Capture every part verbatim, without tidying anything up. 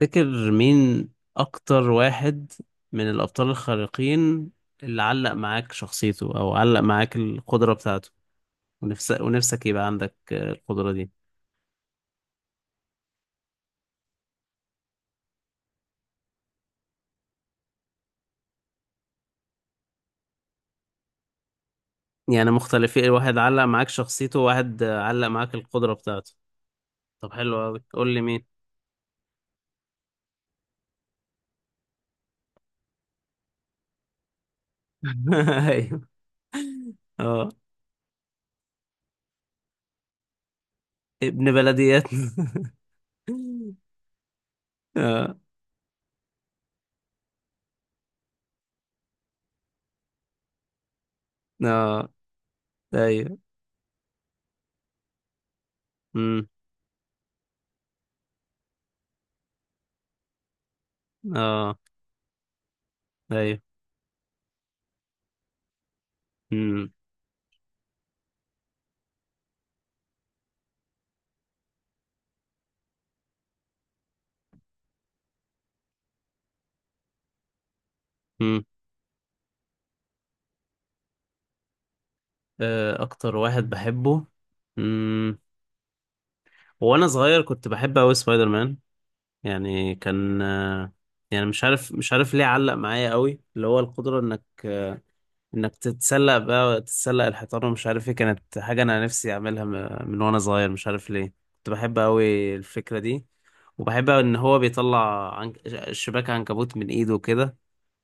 تفتكر مين أكتر واحد من الأبطال الخارقين اللي علق معاك شخصيته أو علق معاك القدرة بتاعته، ونفسك ونفسك يبقى عندك آه، القدرة دي؟ يعني مختلفين، واحد علق معاك شخصيته وواحد آه، علق معاك القدرة بتاعته. طب حلو أوي، قول لي مين. أيوه. أه. ابن بلدياتنا. أه. أه. أيوه. أمم. أه. أيوه. أمم. أمم. آه، أكتر واحد بحبه. مم. وانا صغير كنت بحب قوي سبايدر مان، يعني كان آه، يعني مش عارف مش عارف ليه علق معايا قوي، اللي هو القدرة انك انك تتسلق، بقى تتسلق الحيطان، ومش عارف ايه، كانت حاجة انا نفسي اعملها م- من وانا صغير، مش عارف ليه كنت بحب قوي الفكرة دي، وبحب ان هو بيطلع عنك... شباك عنكبوت من ايده وكده.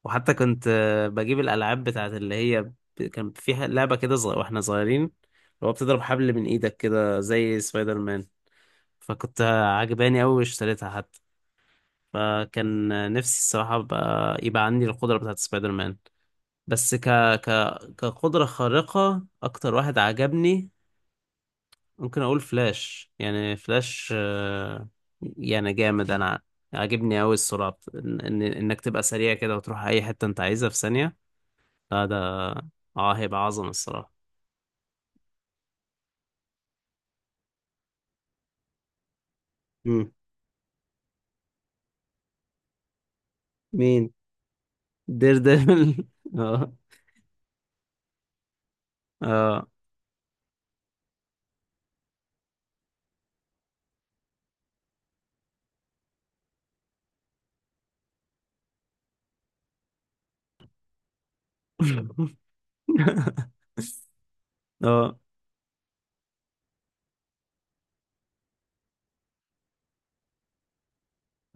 وحتى كنت آه، بجيب الالعاب بتاعت اللي هي، ب- كان فيها لعبة كده صغ... واحنا صغيرين، اللي هو بتضرب حبل من ايدك كده زي سبايدر مان، فكنت عجباني أوي واشتريتها حتى. فكان نفسي الصراحة بقى يبقى عندي القدرة بتاعت سبايدر مان. بس ك... ك... كقدرة خارقة، أكتر واحد عجبني ممكن أقول فلاش. يعني فلاش آه، يعني جامد، أنا عاجبني أوي السرعة بت- إن... إن- إنك تبقى سريع كده وتروح أي حتة أنت عايزها في ثانية. لا ده اه، هيبقى عظمة الصراحة. مم. مين؟ دير ديفل. اه. اه. اه.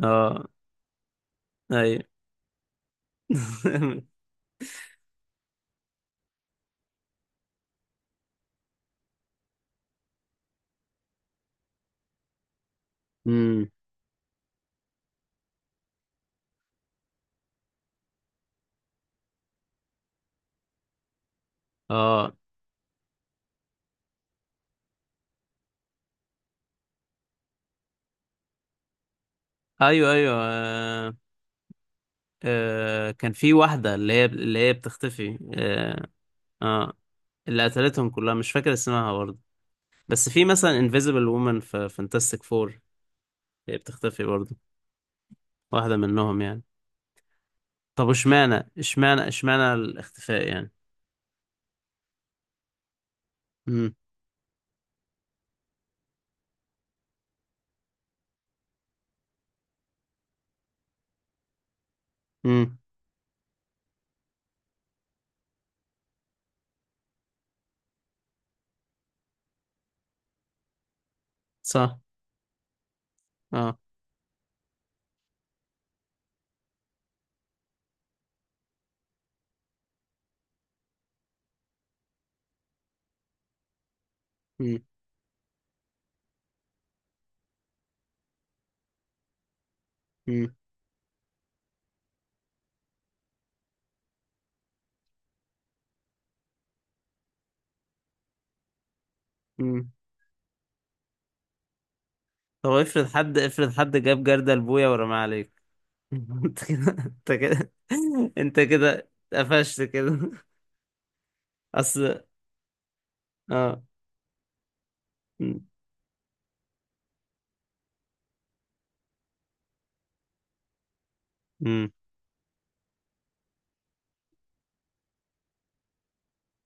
اه. ايوه. امم. اه. ايوه. ايوه. آه. آه. كان في واحدة اللي هي اللي هي بتختفي، اه, آه. اللي قتلتهم كلها مش فاكر اسمها برضه، بس في مثلا انفيزبل وومن في فانتاستيك فور، هي بتختفي برضه، واحدة منهم يعني. طب اشمعنى اشمعنى اشمعنى الاختفاء يعني؟ امم. امم. صح. اه. امم. امم. امم. طب افرض حد افرض حد جاب جردل بويا ورماه عليك. انت كده انت كده. انت كده قفشت كده. اصل اه. امم. أمم.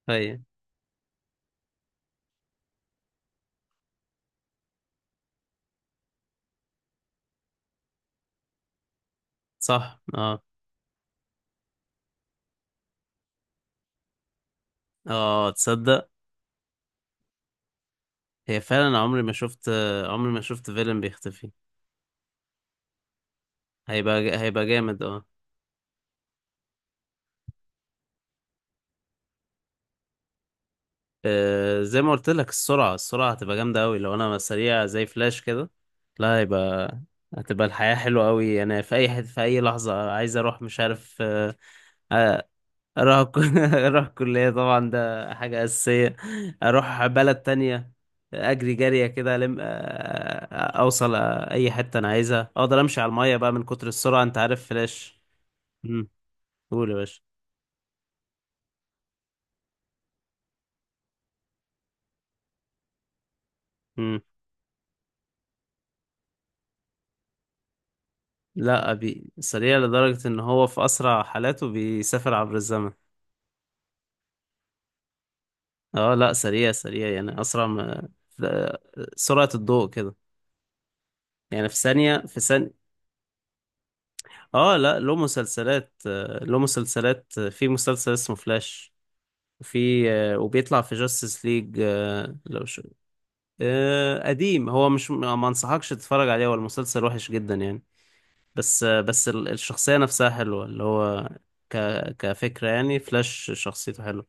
هي صح. اه. اه تصدق. هي فعلا عمري ما شفت عمري ما شفت فيلم بيختفي. هيبقى هيبقى جامد اه. آه، زي ما قلت لك السرعة، السرعة هتبقى جامدة أوي لو أنا سريع زي فلاش كده. لا، هيبقى هتبقى الحياة حلوة أوي، أنا في أي حد في أي لحظة عايز أروح مش عارف آه، آه، اروح الك- اروح الكلية طبعا، ده حاجة أساسية. اروح بلد تانية، اجري جرية كده لم، اوصل آه، اي حتة انا عايزها، اقدر امشي على المية بقى من كتر السرعة، انت عارف فلاش. امم. قول يا باشا. امم. لا بي سريع لدرجة ان هو في اسرع حالاته بيسافر عبر الزمن. اه، لا سريع سريع يعني اسرع ما ف- سرعة الضوء كده، يعني في ثانية في ثانية. اه، لا، له مسلسلات، آه، له مسلسلات آه، في مسلسل اسمه فلاش، في آه، وبيطلع في جاستس ليج. لو شو، آه، قديم، هو مش، ما انصحكش تتفرج عليه، هو المسلسل وحش جدا يعني. بس آه، بس ال- الشخصية نفسها حلوة، اللي هو ك كفكرة، يعني فلاش شخصيته حلوة.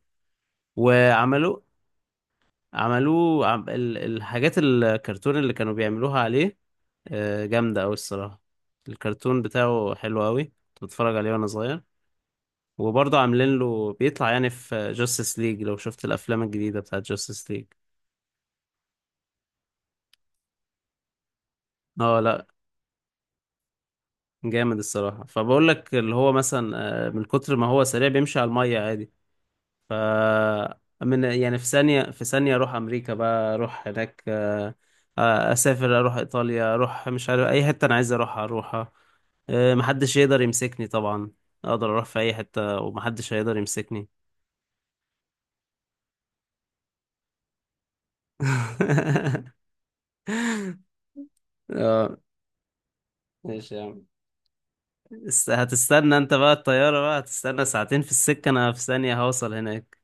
وعملوا، عملوه عم- ال- الحاجات الكرتون اللي كانوا بيعملوها عليه آه، جامدة أوي الصراحة. الكرتون بتاعه حلو أوي، كنت بتفرج عليه وأنا صغير. وبرضه عاملين له بيطلع يعني في جاستس ليج، لو شفت الأفلام الجديدة بتاعت جاستس ليج. اه، لا، جامد الصراحة، فبقول لك اللي هو مثلا آه، من كتر ما هو سريع بيمشي على المية عادي. ف من يعني في ثانية في ثانية اروح امريكا بقى، اروح هناك، آه، آه، اسافر، اروح ايطاليا، اروح مش عارف اي حتة انا عايز اروحها اروحها آه، محدش يقدر يمسكني طبعا، اقدر اروح في اي حتة ومحدش هيقدر يمسكني. اه، ماشي يا عم. است- هتستنى انت بقى الطيارة، بقى هتستنى ساعتين في السكة، انا في ثانية هوصل هناك.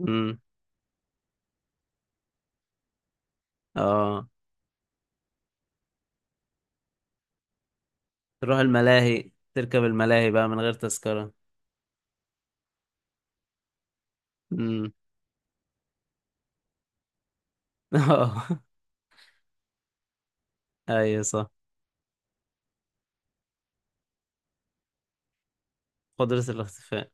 اه اه، تروح الملاهي، تركب الملاهي بقى من غير تذكرة. امم. اه. ايوه صح. قدرة الاختفاء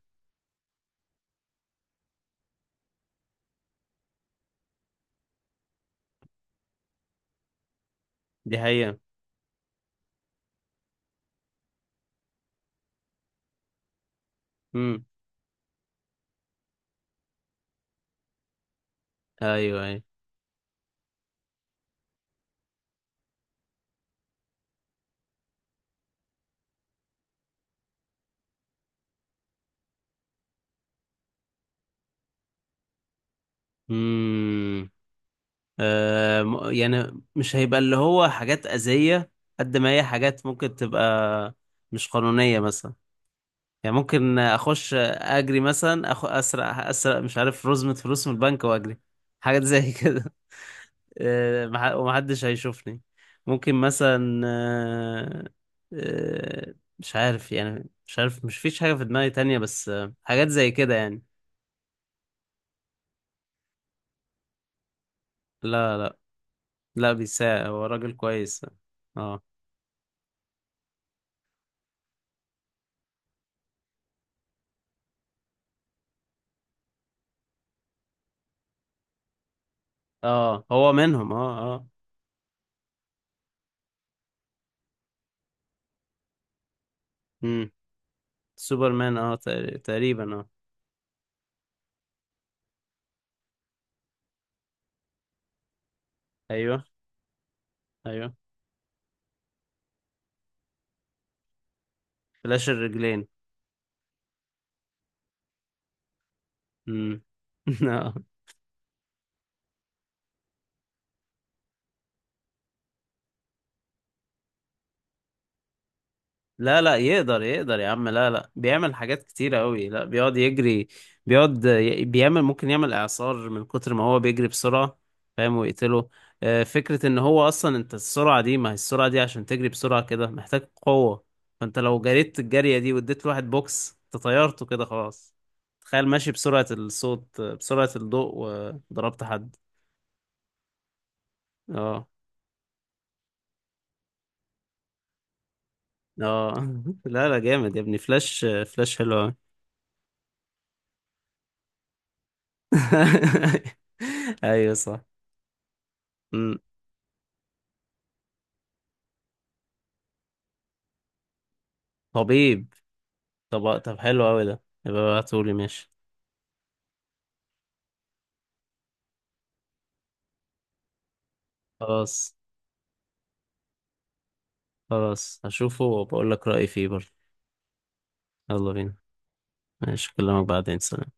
دي حقيقة. امم. ايوه. ايوه. امم. آه م- يعني مش هيبقى اللي هو حاجات أذية، قد ما هي حاجات ممكن تبقى مش قانونية مثلا. يعني ممكن اخش اجري مثلا، أخ... اسرق اسرق مش عارف رزمة فلوس من البنك واجري، حاجات زي كده. آه، مح- ومحدش هيشوفني. ممكن مثلا آه، آه، مش عارف، يعني مش عارف مش فيش حاجة في دماغي تانية، بس آه، حاجات زي كده يعني. لا، لا، لا بيساعد، هو راجل كويس. اه اه، هو منهم اه اه. امم. سوبرمان اه تقر- تقريبا اه. ايوه ايوه، فلاش الرجلين. امم. اه لا لا، يقدر يقدر يا عم، لا لا، بيعمل حاجات كتيرة قوي، لا بيقعد يجري، بيقعد ي- بيعمل، ممكن يعمل إعصار من كتر ما هو بيجري بسرعة، فاهم؟ ويقتله. آه، فكرة إن هو أصلا، أنت السرعة دي، ما هي السرعة دي عشان تجري بسرعة كده محتاج قوة، فأنت لو جريت الجرية دي واديت لواحد بوكس، أنت طيرته كده خلاص. تخيل ماشي بسرعة الصوت آه، بسرعة الضوء وضربت حد. اه اه. لا لا، جامد يا ابني فلاش، آه، فلاش حلو أوي. ايوه صح. مم. طبيب؟ طب طب حلو قوي، ده يبقى ابعتهولي، ماشي. خلاص. خلاص هشوفه وبقول لك رأيي فيه برضه. يلا بينا، ماشي، اكلمك بعدين، سلام.